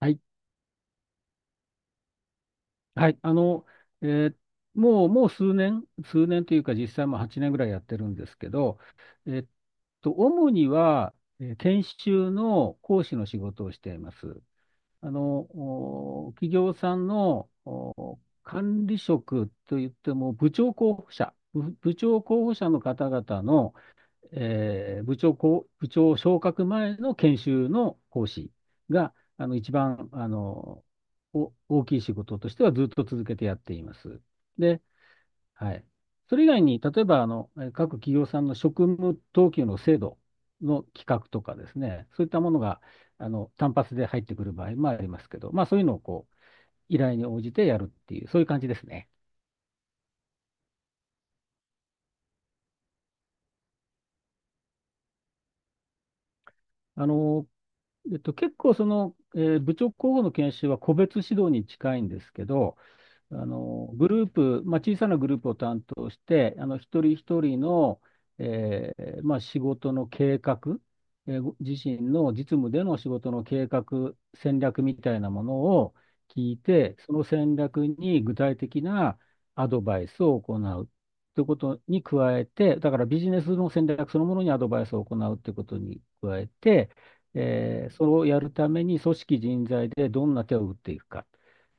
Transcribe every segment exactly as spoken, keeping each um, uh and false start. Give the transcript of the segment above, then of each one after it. はい。はい。あの、えーもう、もう数年、数年というか、実際もうはちねんぐらいやってるんですけど、えっと、主には、えー研修の講師の仕事をしています。あの、お企業さんのお管理職といっても、部長候補者、部部長候補者の方々の、えー部長こう、部長昇格前の研修の講師が、あの、一番、あの、お大きい仕事としてはずっと続けてやっています。で、はい。それ以外に、例えば、あの、えー各企業さんの職務等級の制度の企画とかですね、そういったものが、あの、単発で入ってくる場合もありますけど、まあ、そういうのをこう、依頼に応じてやるっていう、そういう感じですね。あの、えっと、結構その、えー部長候補の研修は個別指導に近いんですけど、あの、グループ、まあ、小さなグループを担当して、あの、一人一人の、えーまあ、仕事の計画、えーご自身の実務での仕事の計画、戦略みたいなものを聞いて、その戦略に具体的なアドバイスを行うということに加えて、だからビジネスの戦略そのものにアドバイスを行うということに加えて、えーそれをやるために組織人材でどんな手を打っていくかっ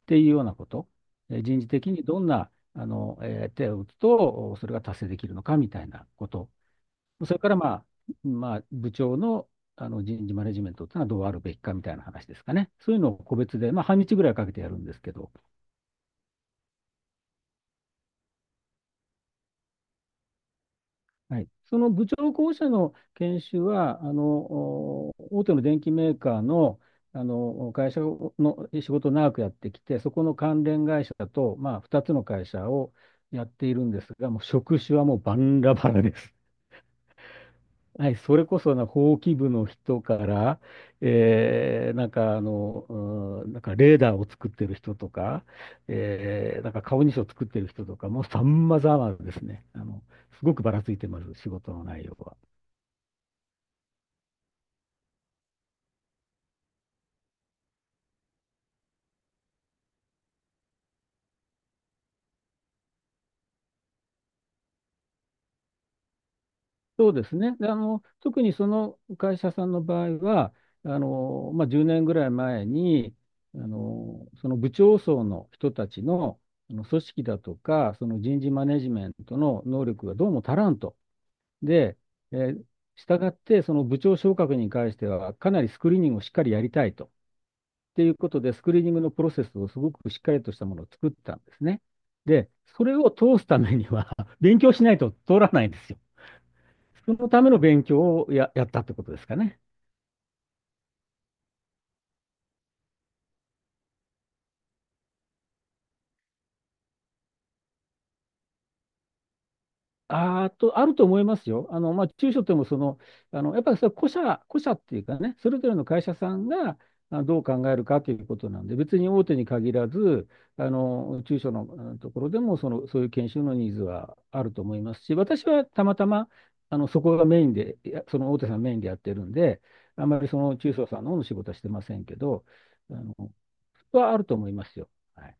ていうようなこと。人事的にどんなあの、えー手を打つと、それが達成できるのかみたいなこと。それから、まあ、まあ、部長の、あの人事マネジメントっていうのはどうあるべきかみたいな話ですかね。そういうのを個別で、まあ、半日ぐらいかけてやるんですけど、はい、その部長候補者の研修は、あの、大手の電機メーカーの、あの会社の仕事を長くやってきて、そこの関連会社と、まあ、ふたつの会社をやっているんですが、もう職種はもうバンラバラです。はい、それこそな、法規部の人から、えー、なんかあの、うん、なんかレーダーを作ってる人とか、えー、なんか顔認証を作ってる人とか、もうさまざまですね。あの、すごくばらついてます、仕事の内容は。そうですね。であの、特にその会社さんの場合は、あの、まあ、じゅうねんぐらい前に、あの、その部長層の人たちの、あの組織だとか、その人事マネジメントの能力がどうも足らんと。で、えー、したがって、その部長昇格に関しては、かなりスクリーニングをしっかりやりたいと。っていうことで、スクリーニングのプロセスをすごくしっかりとしたものを作ったんですね。で、それを通すためには 勉強しないと通らないんですよ。そのための勉強をや、やったってことですかね。あーと、あると思いますよ。あの、まあ、中小ともその、あの、やっぱりそれは個社、個社っていうかね、それぞれの会社さんがあどう考えるかということなんで、別に大手に限らず、あの、中小のあのところでも、その、そういう研修のニーズはあると思いますし、私はたまたま、あの、そこがメインで、いやその大手さんメインでやってるんで、あまりその中小さんの方の仕事はしてませんけど、あの、はあると思いますよ。はい。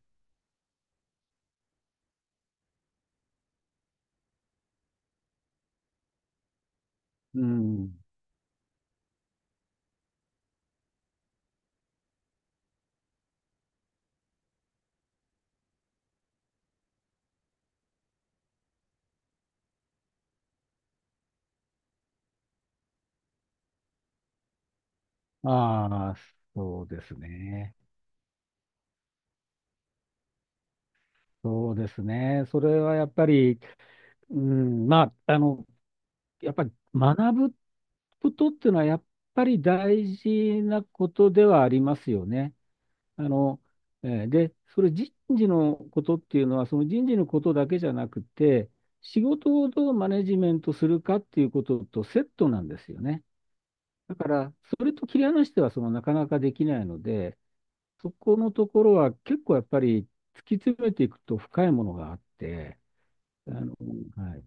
うん。ああ、そうですね。そうですね。それはやっぱり、うん、まあ、あの、やっぱり学ぶことっていうのは、やっぱり大事なことではありますよね。あの、えーで、それ人事のことっていうのは、その人事のことだけじゃなくて、仕事をどうマネジメントするかっていうこととセットなんですよね。だから、それと切り離しては、そのなかなかできないので、そこのところは結構やっぱり突き詰めていくと深いものがあって、あの、はい。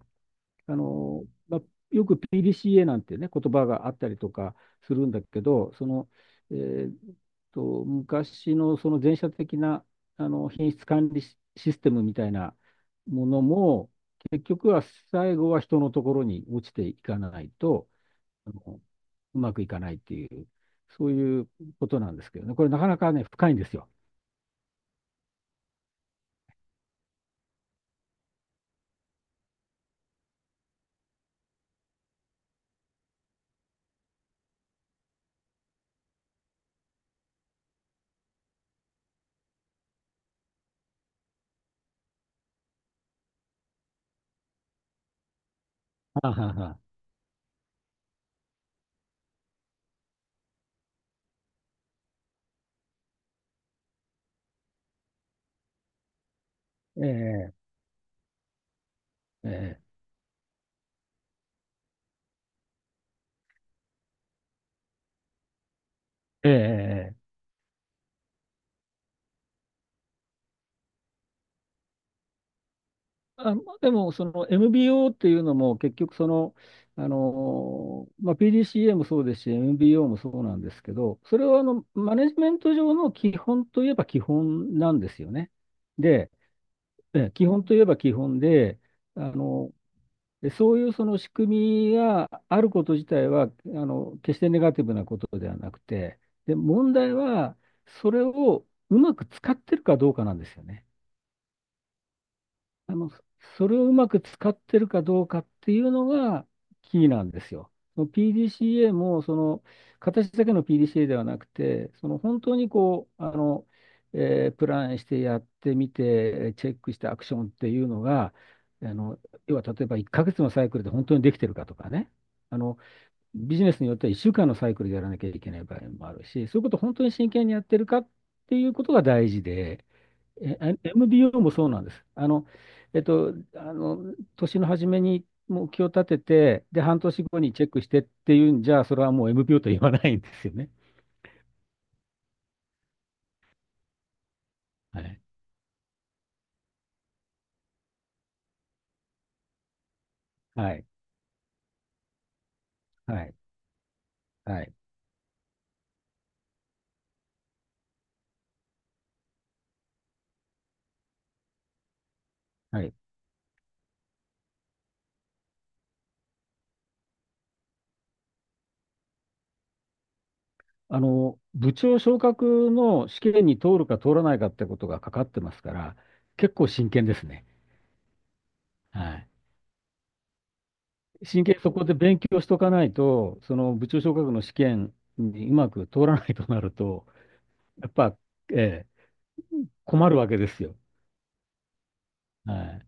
あの、まあ、よく ピーディーシーエー なんてね、言葉があったりとかするんだけど、その、えーっと、昔のその前者的な、あの、品質管理シシステムみたいなものも、結局は最後は人のところに落ちていかないと、あの、うまくいかないっていう、そういうことなんですけどね。これなかなかね、深いんですよ。はあはあはあ。ええええええええ。あ、でも、その エムビーオー っていうのも結局その、あのまあ、ピーディーシーエー もそうですし、エムビーオー もそうなんですけど、それはあのマネジメント上の基本といえば基本なんですよね。で、え基本といえば基本で、あのでそういうその仕組みがあること自体はあの決してネガティブなことではなくて、で問題はそれをうまく使ってるかどうかなんですよね。あの、それをうまく使ってるかどうかっていうのがキーなんですよ。その ピーディーシーエー も、その、形だけの ピーディーシーエー ではなくて、その本当にこう、あの、えープランしてやってみて、チェックしてアクションっていうのが、あの、要は例えばいっかげつのサイクルで本当にできてるかとかね。あの、ビジネスによってはいっしゅうかんのサイクルでやらなきゃいけない場合もあるし、そういうことを本当に真剣にやってるかっていうことが大事で、え、エムビーオー もそうなんです。あの、えっと、あの、年の初めに目標を立てて、で、半年後にチェックしてっていうんじゃ、それはもう エムビーオー と言わないんですよね。はい。はい。はい。はい。はい。あの、部長昇格の試験に通るか通らないかってことがかかってますから、結構真剣ですね。はい。真剣にそこで勉強しとかないと、その部長昇格の試験にうまく通らないとなると、やっぱ、ええ、困るわけですよ。はい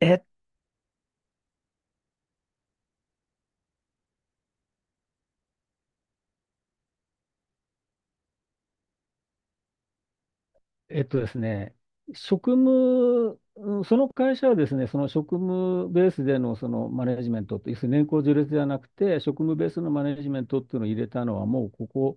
え、えっとですね、職務、うんその会社はですね、その職務ベースでのそのマネジメントって、要するに年功序列ではなくて、職務ベースのマネジメントっていうのを入れたのは、もうここ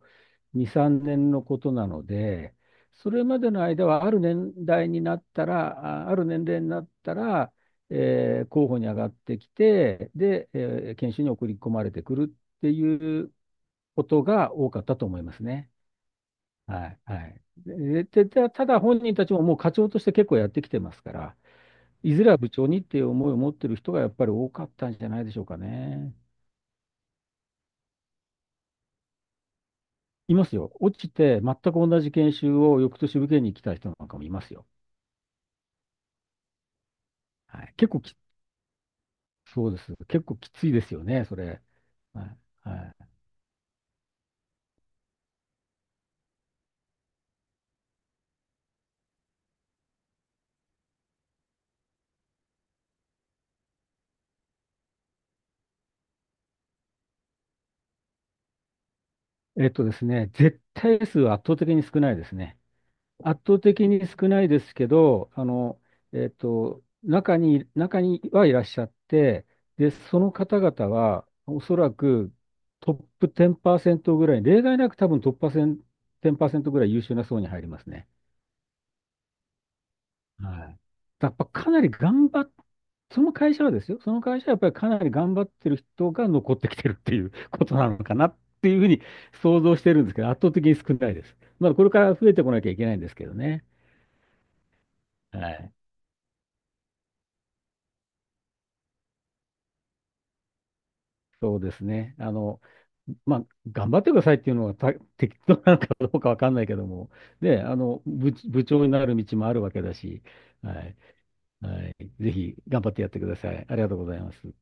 に、さんねんのことなので、それまでの間は、ある年代になったら、あある年齢になったら、えー候補に上がってきて、で、えー研修に送り込まれてくるっていうことが多かったと思いますね。はい、はい。で、ででただ本人たちももう課長として結構やってきてますから、いずれは部長にっていう思いを持ってる人がやっぱり多かったんじゃないでしょうかね。いますよ。落ちて全く同じ研修を翌年受けに来た人なんかもいますよ。はい、結構き、そうです。結構きついですよね、それ。はい、はい。えっとですね、絶対数は圧倒的に少ないですね。圧倒的に少ないですけど、あの、えっと、中に、中にはいらっしゃって、で、その方々は、おそらくトップじっパーセントぐらい、例外なく多分トップじっパーセント、ぐらい優秀な層に入りますね。はい。やっぱかなり頑張っ、その会社はですよ、その会社はやっぱりかなり頑張ってる人が残ってきてるっていう ことなのかなっていうふうに想像してるんですけど、圧倒的に少ないです。まだこれから増えてこなきゃいけないんですけどね。はい。そうですね。あの、まあ、頑張ってくださいっていうのはた適当なのかどうかわかんないけども、ね、あの、部、部長になる道もあるわけだし、はい、はい、ぜひ頑張ってやってください。ありがとうございます。